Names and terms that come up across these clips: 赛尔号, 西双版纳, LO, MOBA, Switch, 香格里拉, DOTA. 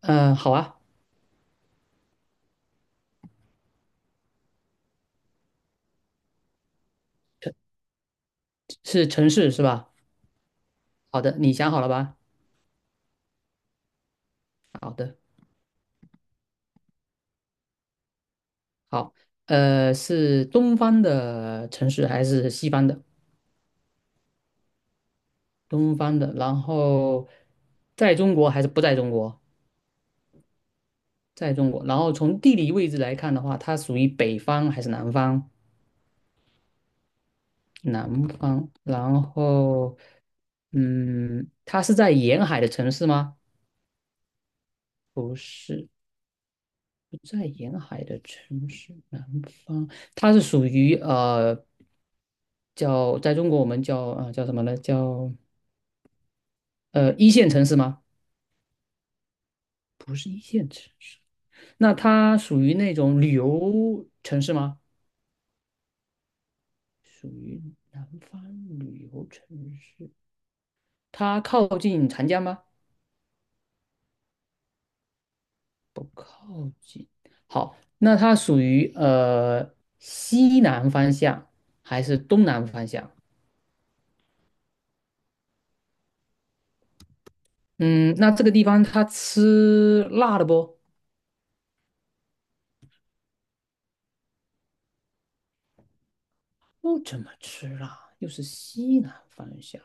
嗯，好啊，是城市是吧？好的，你想好了吧？好的，好，是东方的城市还是西方的？东方的，然后在中国还是不在中国？在中国，然后从地理位置来看的话，它属于北方还是南方？南方，然后，嗯，它是在沿海的城市吗？不是，不在沿海的城市，南方，它是属于叫在中国我们叫啊、叫什么呢？叫一线城市吗？不是一线城市，那它属于那种旅游城市吗？属于南方旅游城市，它靠近长江吗？不靠近。好，那它属于西南方向还是东南方向？嗯，那这个地方他吃辣的不？不怎么吃辣，又是西南方向。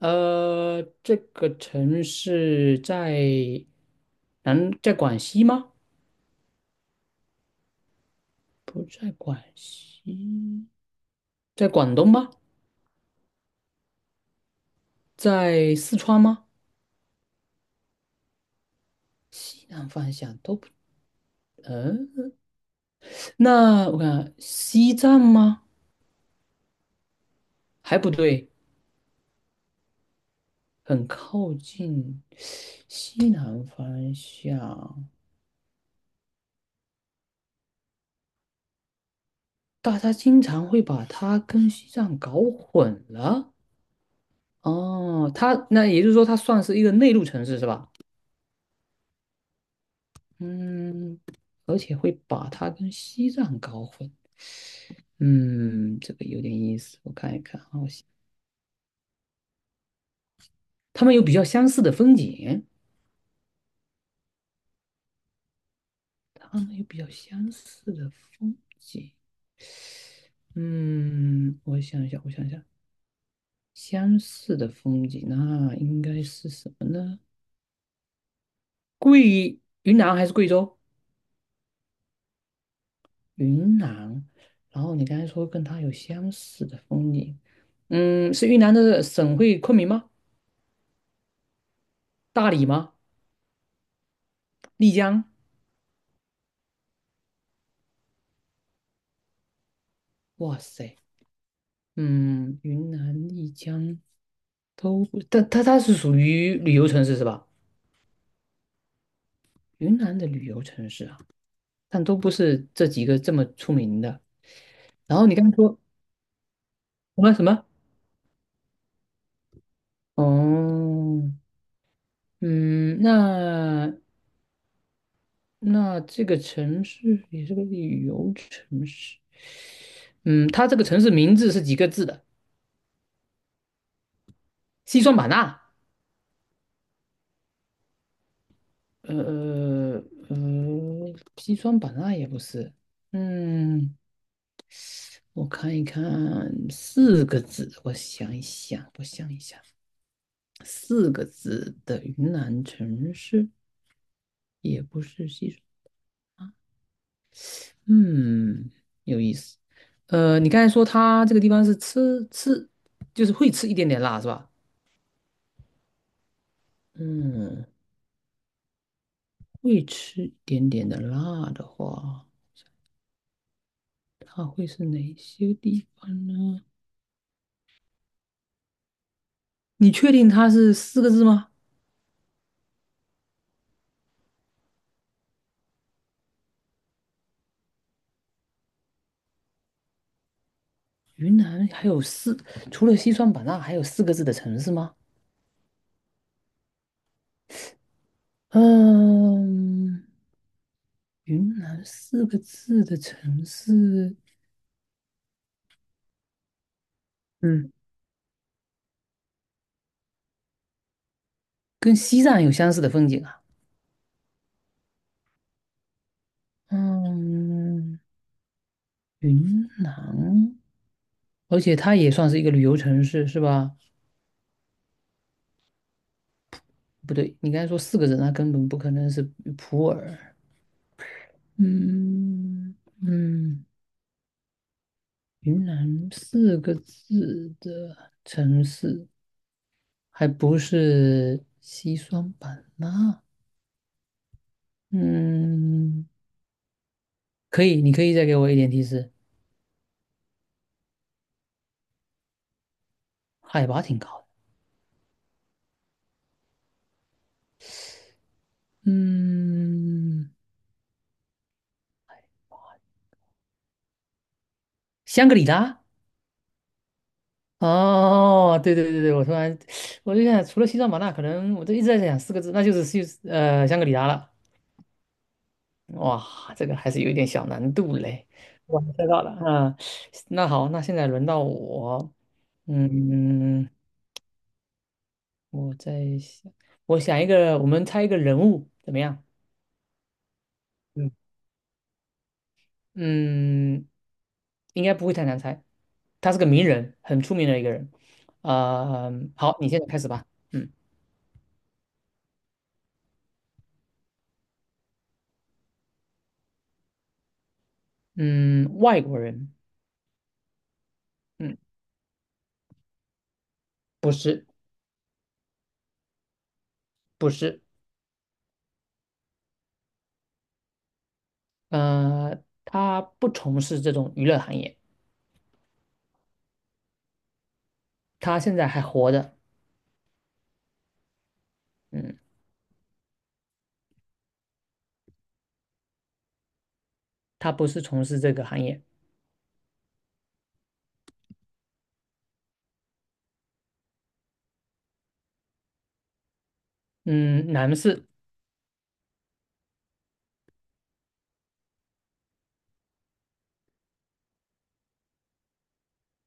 这个城市在南，在广西吗？不在广西，在广东吗？在四川吗？西南方向都不，嗯、那我看西藏吗？还不对，很靠近西南方向。大家经常会把它跟西藏搞混了。哦，它那也就是说，它算是一个内陆城市是吧？嗯，而且会把它跟西藏搞混。嗯，这个有点意思，我看一看啊，我想他们有比较相似的风景，他们有比较相似的风景。嗯，我想一想，相似的风景那应该是什么呢？贵，云南还是贵州？云南，然后你刚才说跟它有相似的风景，嗯，是云南的省会昆明吗？大理吗？丽江？哇塞，嗯，云南、丽江都不，但它是属于旅游城市是吧？云南的旅游城市啊，但都不是这几个这么出名的。然后你刚才说什么什么？哦，嗯，那这个城市也是个旅游城市，嗯，它这个城市名字是几个字的？西双版纳，呃西双版纳也不是，嗯，我看一看，四个字，我想一想，四个字的云南城市也不是西双啊，嗯，有意思，你刚才说它这个地方是，就是会吃一点点辣是吧？嗯，会吃一点点的辣的话，它会是哪些地方呢？你确定它是四个字吗？云南还有四，除了西双版纳，还有四个字的城市吗？嗯，云南四个字的城市，嗯，跟西藏有相似的风景啊。嗯，云南，而且它也算是一个旅游城市，是吧？不对，你刚才说四个字，那根本不可能是普洱。嗯嗯，云南四个字的城市，还不是西双版纳？嗯，可以，你可以再给我一点提示，海拔挺高的。嗯 香格里拉。哦，对，我突然 我就想，除了西双版纳，可能我都一直在想四个字，那就是西香格里拉了。哇，这个还是有一点小难度嘞。我猜到了，啊，那好，那现在轮到我，嗯，我在想，我想一个，我们猜一个人物怎么样？嗯，嗯，应该不会太难猜，他是个名人，很出名的一个人。啊，好，你现在开始吧。嗯嗯，外国人，嗯，不是不是，他不从事这种娱乐行业，他现在还活着。嗯。他不是从事这个行业。嗯，男士，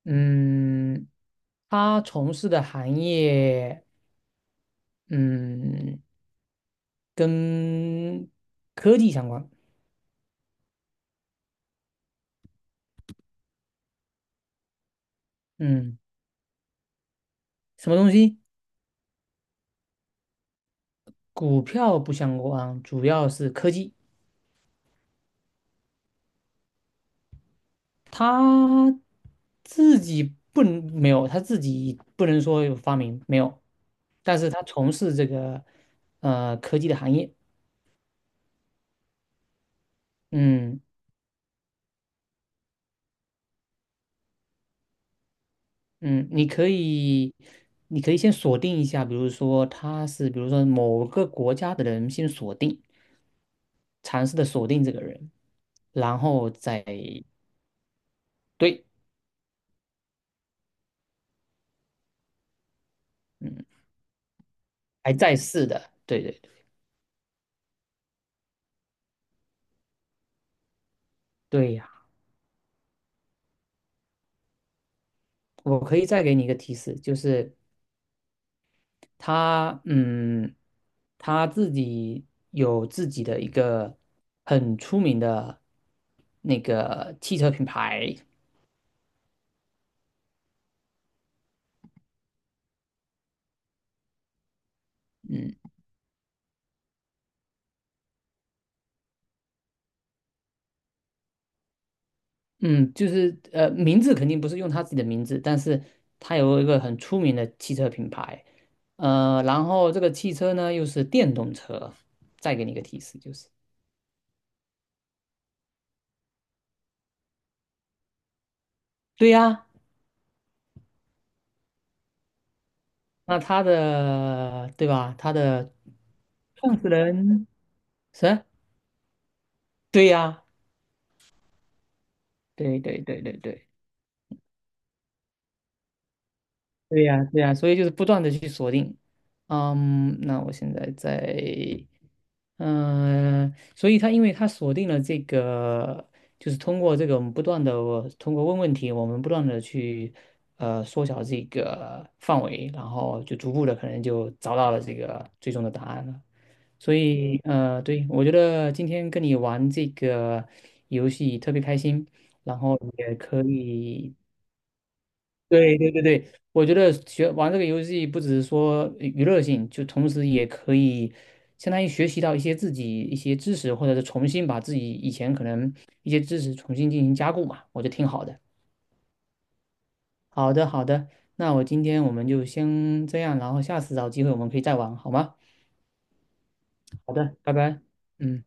嗯，他从事的行业，嗯，跟科技相关。嗯，什么东西？股票不相关，主要是科技。他自己他自己不能说有发明没有，但是他从事这个科技的行业。嗯。嗯，你可以先锁定一下，比如说他是，比如说某个国家的人，先锁定，尝试的锁定这个人，然后再对，嗯，还在世的，对，对呀，我可以再给你一个提示，就是他，嗯，他自己有自己的一个很出名的那个汽车品牌，嗯。嗯，就是名字肯定不是用他自己的名字，但是他有一个很出名的汽车品牌，然后这个汽车呢又是电动车，再给你一个提示就是，对呀，那他的对吧？他的创始人是？对呀，对对呀，对呀，所以就是不断的去锁定，嗯，那我现在在嗯，所以他因为他锁定了这个，就是通过这个我们不断的通过问问题，我们不断的去缩小这个范围，然后就逐步的可能就找到了这个最终的答案了。所以对，我觉得今天跟你玩这个游戏特别开心，然后也可以对，我觉得学玩这个游戏不只是说娱乐性，就同时也可以相当于学习到一些自己一些知识，或者是重新把自己以前可能一些知识重新进行加固嘛，我觉得挺好的。好的，那我今天我们就先这样，然后下次找机会我们可以再玩，好吗？好的，拜拜。嗯。